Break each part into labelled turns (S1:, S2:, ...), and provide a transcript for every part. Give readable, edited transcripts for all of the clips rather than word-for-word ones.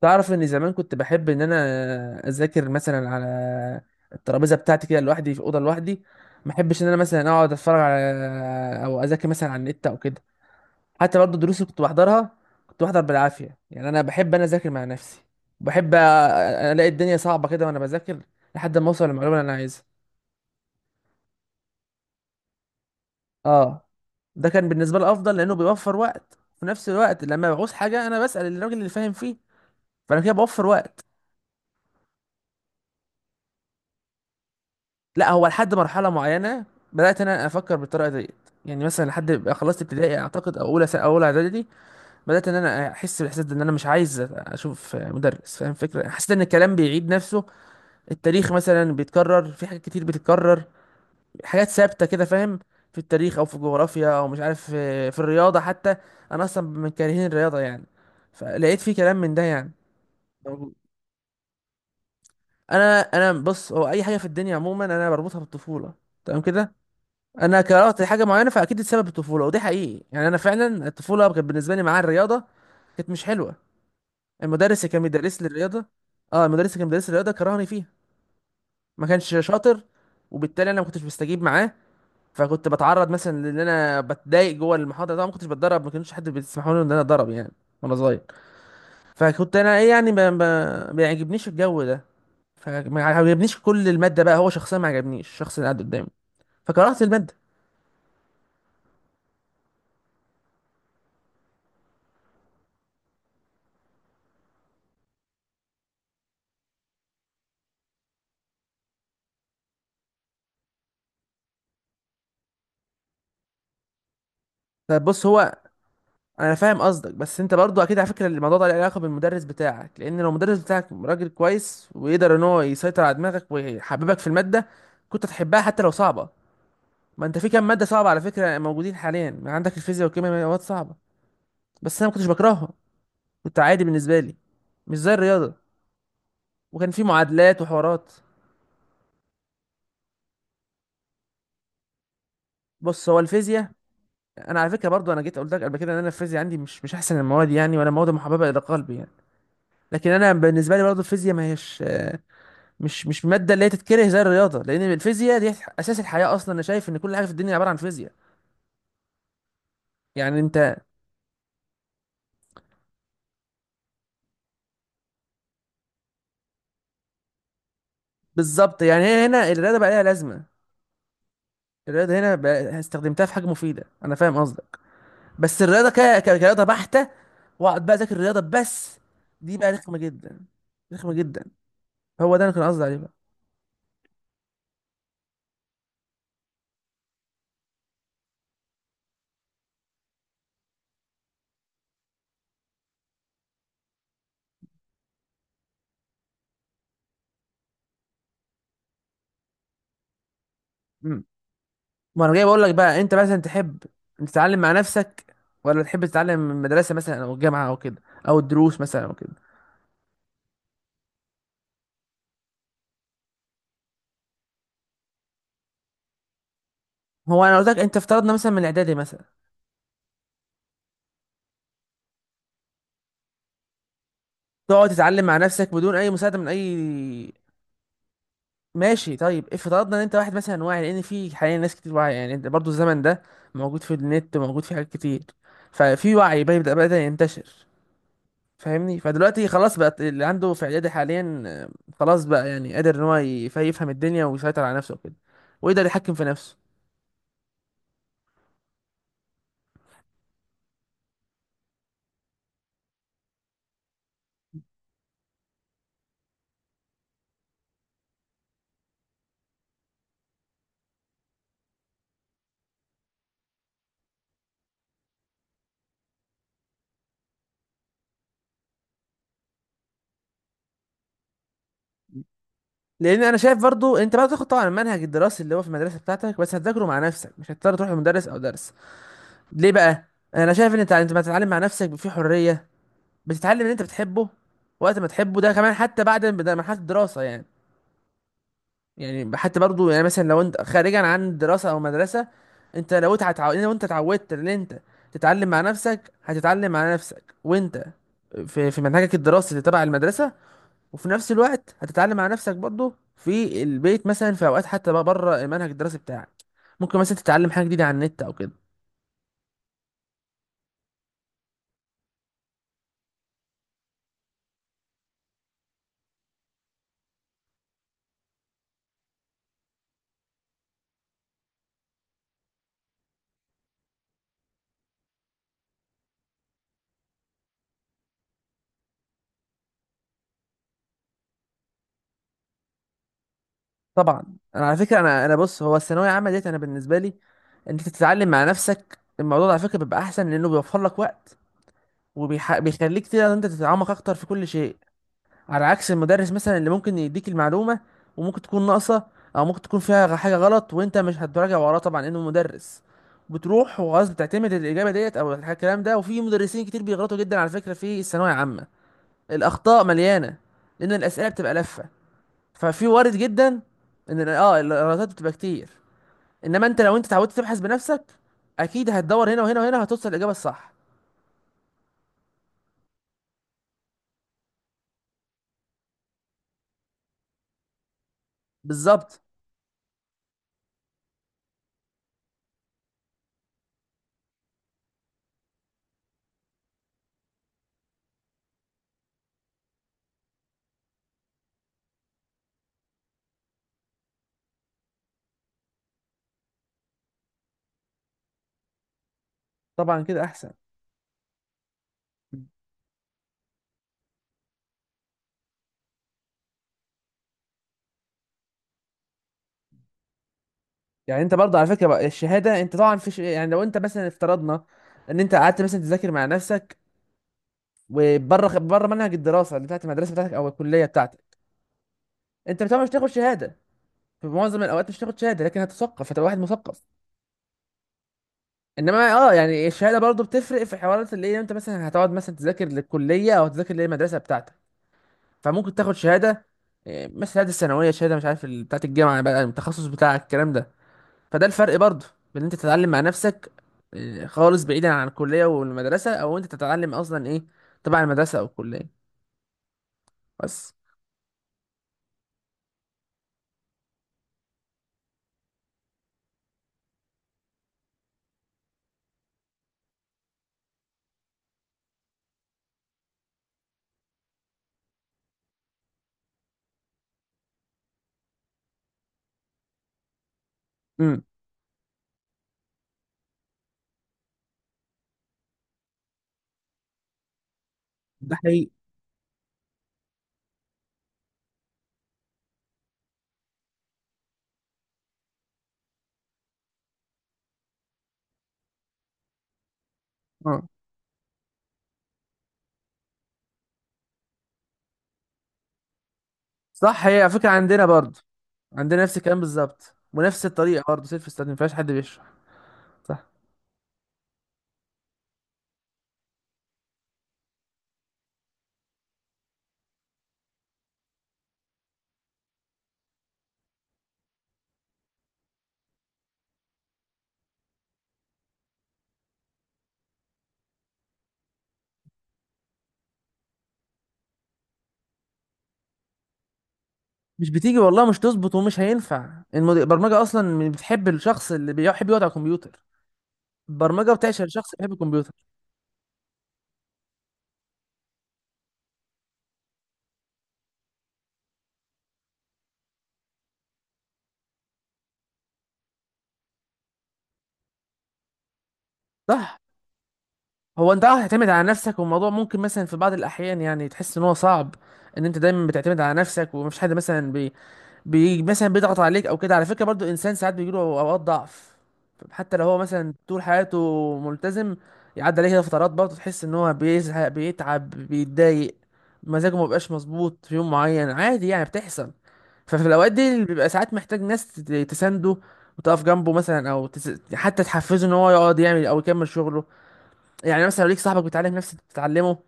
S1: تعرف ان زمان كنت بحب ان انا اذاكر مثلا على الترابيزه بتاعتي كده لوحدي في اوضه لوحدي. ما احبش ان انا مثلا اقعد اتفرج على او اذاكر مثلا على النت او كده. حتى برضه الدروس اللي كنت بحضرها كنت بحضر بالعافيه، يعني انا بحب انا اذاكر مع نفسي. بحب الاقي الدنيا صعبه كده وانا بذاكر لحد ما اوصل للمعلومه اللي انا عايزها. اه، ده كان بالنسبه لي افضل لانه بيوفر وقت، في نفس الوقت لما بعوز حاجه انا بسال الراجل اللي فاهم فيه. فانا كده بوفر وقت. لا، هو لحد مرحله معينه بدات انا افكر بالطريقه ديت، يعني مثلا لحد ما خلصت ابتدائي اعتقد او اولى اعدادي بدات ان انا احس بالاحساس ده، ان انا مش عايز اشوف مدرس. فاهم فكره؟ حسيت ان الكلام بيعيد نفسه، التاريخ مثلا بيتكرر، في حاجات كتير بتتكرر، حاجات ثابته كده، فاهم؟ في التاريخ او في الجغرافيا او مش عارف في الرياضه حتى. انا اصلا من كارهين الرياضه يعني، فلقيت في كلام من ده يعني موجود. انا بص، هو اي حاجه في الدنيا عموما انا بربطها بالطفوله، تمام كده؟ انا كرهت حاجه معينه فاكيد السبب الطفوله، ودي حقيقي يعني، انا فعلا الطفوله كانت بالنسبه لي معاه الرياضه كانت مش حلوه. المدرس اللي كان بيدرس لي الرياضه. اه، المدرس اللي كان بيدرس لي الرياضه كرهني فيها، ما كانش شاطر. وبالتالي انا ما كنتش بستجيب معاه، فكنت بتعرض مثلا لان انا بتضايق جوه المحاضره. طبعا ما كنتش بتدرب، ما كانش حد بيسمحوا لي ان انا اتدرب يعني وانا صغير. فكنت انا ايه يعني، ما يعجبنيش الجو ده. فما عجبنيش كل الماده بقى، هو شخصيا ما عجبنيش الشخص اللي قاعد قدامي فكرهت الماده. طب بص هو، انا فاهم قصدك بس انت برضو اكيد على فكره الموضوع ده له علاقه بالمدرس بتاعك، لان لو المدرس بتاعك راجل كويس ويقدر ان هو يسيطر على دماغك ويحببك في الماده كنت هتحبها حتى لو صعبه. ما انت في كام ماده صعبه على فكره موجودين حاليا عندك، الفيزياء والكيمياء مواد صعبه بس انا ما كنتش بكرهها، كنت عادي بالنسبه لي، مش زي الرياضه. وكان في معادلات وحوارات. بص، هو الفيزياء، انا على فكره برضو انا جيت قلت لك قبل كده ان انا الفيزياء عندي مش احسن المواد يعني، ولا مواد محببه الى قلبي يعني. لكن انا بالنسبه لي برضو الفيزياء ما هيش مش ماده اللي هي تتكره زي الرياضه، لان الفيزياء دي اساس الحياه اصلا، انا شايف ان كل حاجه في الدنيا عباره عن فيزياء، يعني انت. بالظبط، يعني هي هنا الرياضه بقى لها لازمه، الرياضه هنا بقى استخدمتها في حاجه مفيده، انا فاهم قصدك. بس الرياضه كرياضه بحته، واقعد بقى اذاكر الرياضه بس، دي بقى رخمه جدا. رخمه جدا، هو ده انا كنت قصدي عليه بقى. امم ما انا جاي بقول لك بقى، انت مثلا تحب أنت تتعلم مع نفسك، ولا تحب تتعلم من المدرسه مثلا او الجامعه او كده، او الدروس مثلا او كده؟ هو انا قلت لك، انت افترضنا مثلا من الاعدادي مثلا تقعد تتعلم مع نفسك بدون اي مساعده من اي. ماشي، طيب افترضنا ان انت واحد مثلا واعي، لان في حاليا ناس كتير واعيه يعني، انت برضو الزمن ده موجود في النت وموجود في حاجات كتير، ففي وعي بدا ينتشر. فاهمني؟ فدلوقتي خلاص بقى، اللي عنده في اعدادي حاليا آه، خلاص بقى يعني قادر ان هو يفهم الدنيا ويسيطر على نفسه وكده، ويقدر يتحكم في نفسه. لان انا شايف برضو انت بقى تاخد طبعا المنهج الدراسي اللي هو في المدرسه بتاعتك بس هتذاكره مع نفسك، مش هتضطر تروح لمدرس او درس. ليه بقى؟ انا شايف ان انت أنت بتتعلم مع نفسك في حريه، بتتعلم اللي انت بتحبه وقت ما تحبه، ده كمان حتى بعد ما بدأ مرحله الدراسه يعني. يعني حتى برضو يعني مثلا لو انت خارجا عن الدراسه او مدرسه، انت لو انت اتعودت ان انت تتعلم مع نفسك هتتعلم مع نفسك وانت في في منهجك الدراسي اللي تبع المدرسه، وفي نفس الوقت هتتعلم مع نفسك برضو في البيت مثلا، في اوقات حتى بقى بره المنهج الدراسي بتاعك، ممكن مثلا تتعلم حاجه جديده على النت او كده. طبعا انا على فكره، انا بص، هو الثانويه العامه ديت انا بالنسبه لي انت تتعلم مع نفسك، الموضوع ده على فكره بيبقى احسن لانه بيوفر لك وقت وبيخليك تقدر إن انت تتعمق اكتر في كل شيء، على عكس المدرس مثلا اللي ممكن يديك المعلومه وممكن تكون ناقصه، او ممكن تكون فيها حاجه غلط وانت مش هتراجع وراه طبعا لانه مدرس، بتروح وخلاص بتعتمد الاجابه ديت او الكلام ده. وفي مدرسين كتير بيغلطوا جدا على فكره في الثانويه العامه، الاخطاء مليانه، لان الاسئله بتبقى لفه، ففي وارد جدا ان الغلطات بتبقى كتير. انما انت لو انت اتعودت تبحث بنفسك، اكيد هتدور هنا وهنا وهنا هتوصل الاجابه الصح. بالظبط. طبعا كده احسن. يعني انت برضه على فكره بقى الشهاده، انت طبعا في يعني لو انت مثلا افترضنا ان انت قعدت مثلا تذاكر مع نفسك وبره بره منهج الدراسه اللي بتاعت المدرسه بتاعتك او الكليه بتاعتك، انت طبعا مش هتاخد شهاده، في معظم الاوقات مش هتاخد شهاده، لكن هتثقف، هتبقى واحد مثقف. انما اه يعني الشهاده برضه بتفرق، في حوارات اللي هي انت مثلا هتقعد مثلا تذاكر للكليه او تذاكر للمدرسه بتاعتك، فممكن تاخد شهاده إيه، مثل شهاده الثانويه، شهاده مش عارف بتاعه الجامعه بقى، التخصص بتاعك الكلام ده. فده الفرق برضه، بين إن انت تتعلم مع نفسك إيه، خالص بعيدا عن الكليه والمدرسه، او انت تتعلم اصلا ايه تبع المدرسه او الكليه. بس. امم ده حقيقي. اه صح، هي على فكره عندنا برضه، عندنا نفس الكلام بالظبط ونفس الطريقه برضه سيلف ستادي، ما فيهاش حد بيشرح. صح. مش بتيجي والله، مش تظبط، ومش هينفع البرمجه اصلا بتحب الشخص اللي بيحب يقعد على الكمبيوتر، البرمجه بتعشق الشخص اللي بيحب الكمبيوتر. صح. هو انت اه هتعتمد على نفسك، والموضوع ممكن مثلا في بعض الاحيان يعني تحس ان هو صعب، ان انت دايما بتعتمد على نفسك ومفيش حد مثلا بي مثلا بيضغط عليك او كده. على فكره برضو الانسان ساعات بيجيله اوقات ضعف، حتى لو هو مثلا طول حياته ملتزم، يعدي عليه كده فترات برضو تحس ان هو بيزهق، بيتعب، بيتضايق، مزاجه ما بيبقاش مظبوط في يوم معين، عادي يعني بتحصل. ففي الاوقات دي اللي بيبقى ساعات محتاج ناس تسانده وتقف جنبه مثلا او حتى تحفزه ان هو يقعد يعمل او يكمل شغله. يعني مثلا لو ليك صاحبك بيتعلم نفس اللي بتتعلمه،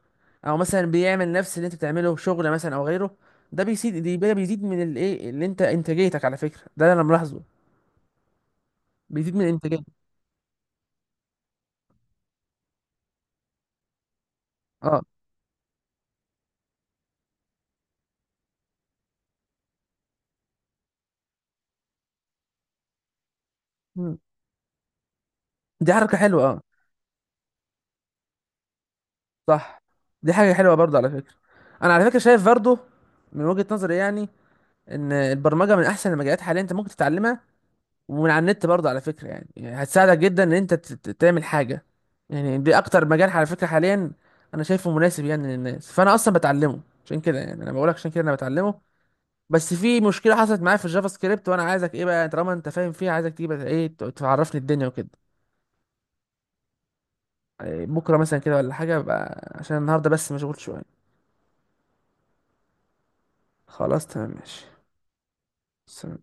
S1: او مثلا بيعمل نفس اللي انت بتعمله شغل مثلا او غيره، ده بيزيد ده بيزيد من الايه اللي انت انتاجيتك على فكره ده انا ملاحظه، بيزيد من انتاجيتك. اه. مم. دي حركه حلوه، اه صح. دي حاجه حلوه برضه على فكره. انا على فكره شايف برضه من وجهه نظري يعني ان البرمجه من احسن المجالات حاليا انت ممكن تتعلمها، ومن على النت برضه على فكرة يعني، يعني هتساعدك جدا ان انت تعمل حاجة. يعني دي اكتر مجال على فكرة حاليا انا شايفه مناسب يعني للناس، فانا اصلا بتعلمه عشان كده يعني، انا بقولك عشان كده انا بتعلمه. بس في مشكلة حصلت معايا في الجافا سكريبت، وانا عايزك ايه بقى، طالما انت فاهم فيها عايزك تجيب ايه تعرفني الدنيا وكده إيه، بكرة مثلا كده ولا حاجة بقى، عشان النهاردة بس مشغول شوية. خلاص تمام ماشي. سلام.